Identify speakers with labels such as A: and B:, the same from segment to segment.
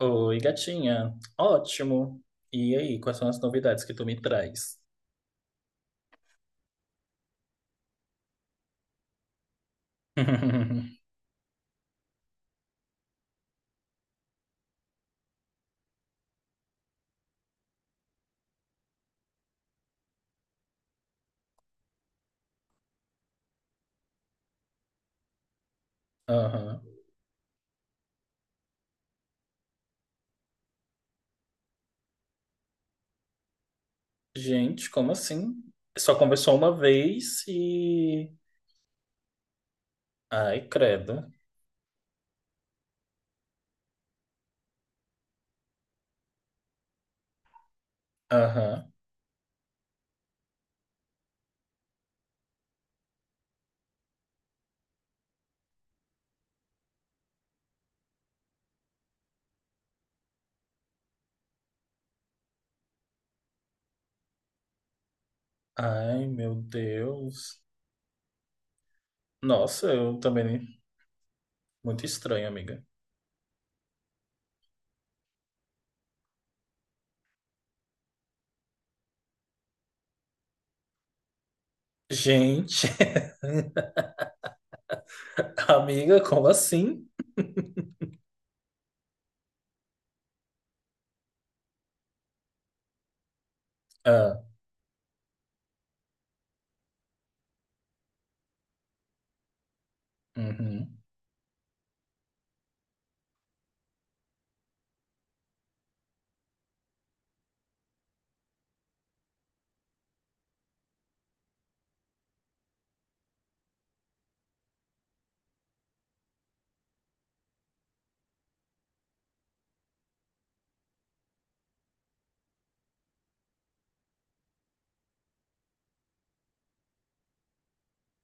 A: Oi, gatinha. Ótimo. E aí, quais são as novidades que tu me traz? Aham. Gente, como assim? Só conversou uma vez e. Ai, credo. Aham. Ai, meu Deus. Nossa, eu também. Muito estranho, amiga. Gente, amiga, como assim? Ah, uhum,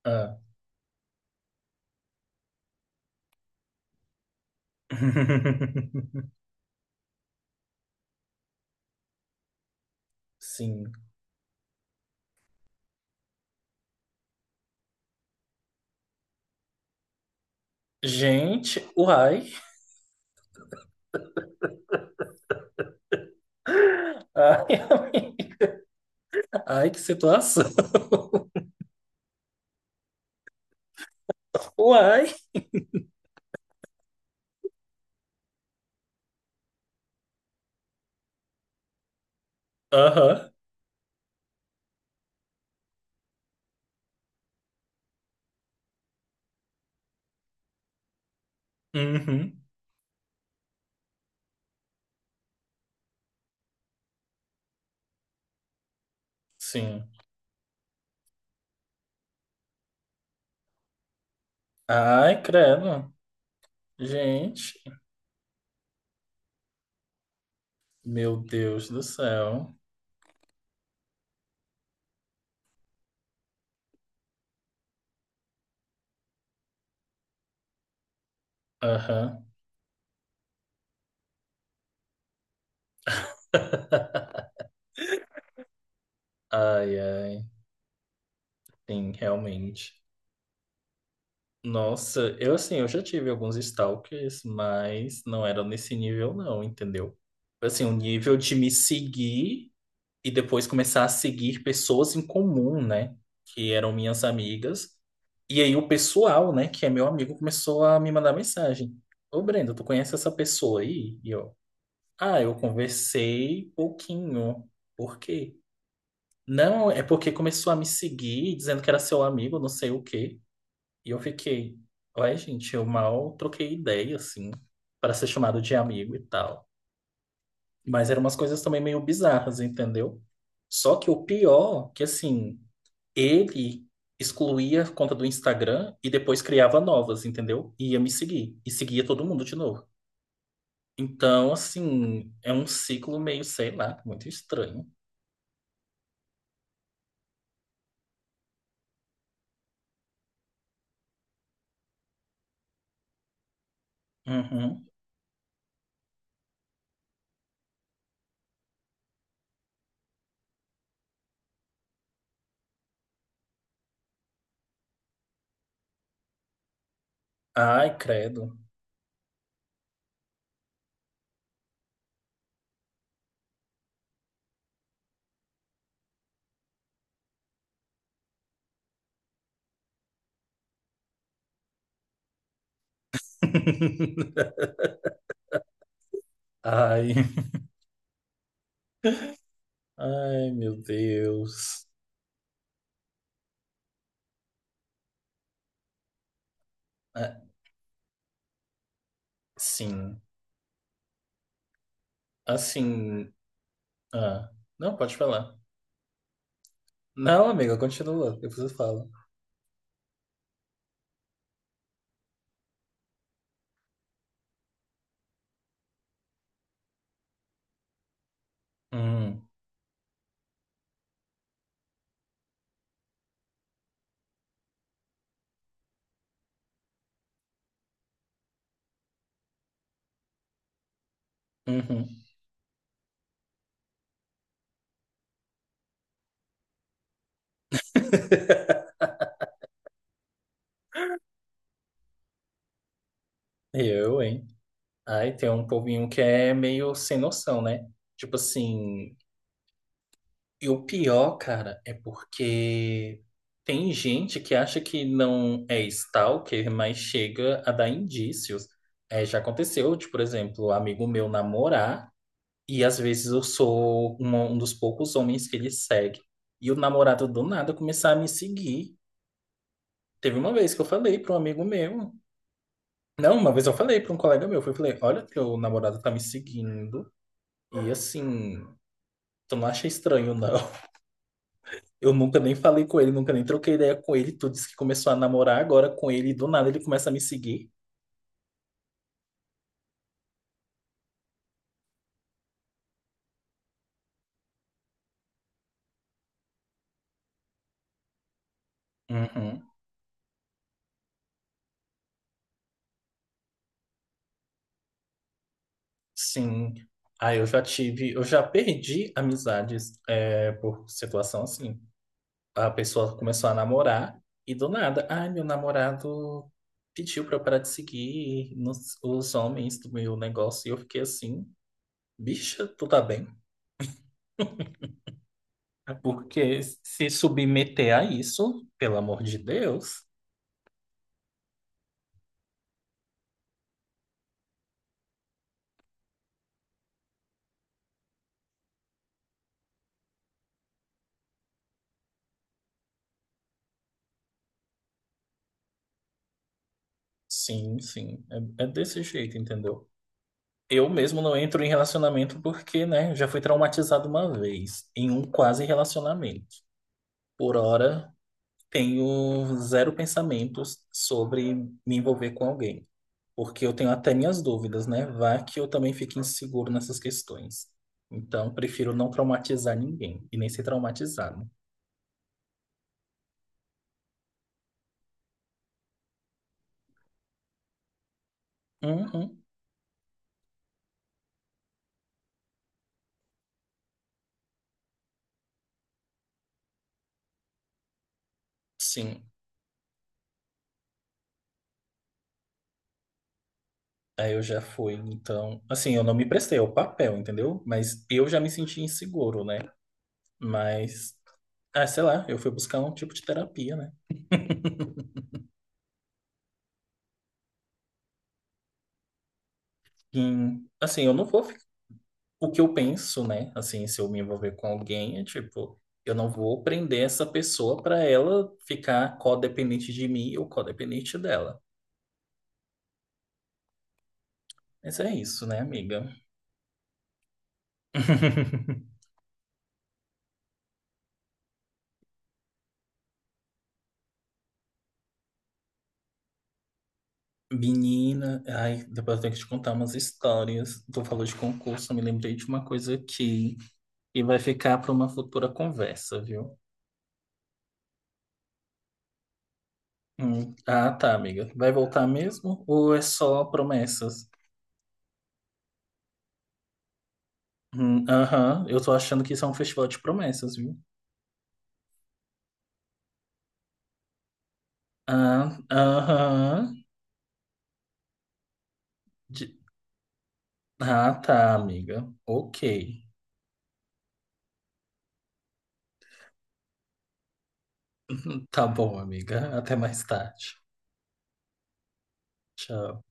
A: ah. Sim. Gente, uai. Ai, amiga. Ai, que situação. Uai. Aham. Uhum. Sim. Ai, credo. Gente. Meu Deus do céu. Aham. Ai, ai. Sim, realmente. Nossa, eu assim, eu já tive alguns stalkers, mas não era nesse nível não, entendeu? Assim, o nível de me seguir e depois começar a seguir pessoas em comum, né? Que eram minhas amigas. E aí o pessoal, né, que é meu amigo, começou a me mandar mensagem. Ô, Brenda, tu conhece essa pessoa aí? E eu, ah, eu conversei pouquinho. Por quê? Não, é porque começou a me seguir, dizendo que era seu amigo, não sei o quê. E eu fiquei, ué, gente, eu mal troquei ideia, assim, para ser chamado de amigo e tal. Mas eram umas coisas também meio bizarras, entendeu? Só que o pior, que assim, ele excluía a conta do Instagram e depois criava novas, entendeu? E ia me seguir. E seguia todo mundo de novo. Então, assim, é um ciclo meio, sei lá, muito estranho. Uhum. Ai, credo. Ai, ai, meu Deus. Ah, sim, assim. Ah, não, pode falar. Não, amiga, continua, depois eu falo. Hum, uhum. Eu, hein? Ai, tem um povinho que é meio sem noção, né? Tipo assim, e o pior, cara, é porque tem gente que acha que não é stalker, mas chega a dar indícios. É, já aconteceu, de, por exemplo, um amigo meu namorar, e às vezes eu sou um dos poucos homens que ele segue. E o namorado do nada começar a me seguir. Teve uma vez que eu falei para um amigo meu. Não, uma vez eu falei para um colega meu, eu falei, olha, teu namorado tá me seguindo e assim, tu não acha estranho, não. Eu nunca nem falei com ele, nunca nem troquei ideia com ele, tu disse que começou a namorar agora com ele e do nada ele começa a me seguir. Uhum, sim. Aí eu já tive, eu já perdi amizades é, por situação assim. A pessoa começou a namorar e do nada, ai, meu namorado pediu pra eu parar de seguir os homens do meu negócio e eu fiquei assim, bicha, tu tá bem? Porque se submeter a isso, pelo amor de Deus, sim, sim, é, é desse jeito, entendeu? Eu mesmo não entro em relacionamento porque, né, já fui traumatizado uma vez, em um quase relacionamento. Por hora, tenho zero pensamentos sobre me envolver com alguém, porque eu tenho até minhas dúvidas, né? Vá que eu também fique inseguro nessas questões. Então, prefiro não traumatizar ninguém e nem ser traumatizado. Uhum, sim. Aí eu já fui, então. Assim, eu não me prestei ao papel, entendeu? Mas eu já me senti inseguro, né? Mas, ah, sei lá, eu fui buscar um tipo de terapia, né? E, assim, eu não vou. Fi- O que eu penso, né? Assim, se eu me envolver com alguém, é tipo, eu não vou prender essa pessoa pra ela ficar codependente de mim ou codependente dela. Mas é isso, né, amiga? Menina, ai, depois eu tenho que te contar umas histórias. Tu falou de concurso, eu me lembrei de uma coisa aqui. E vai ficar para uma futura conversa, viu? Ah, tá, amiga. Vai voltar mesmo? Ou é só promessas? Aham, eu tô achando que isso é um festival de promessas, viu? Ah, aham. De- Ah, tá, amiga. Ok. Tá bom, amiga. Até mais tarde. Tchau.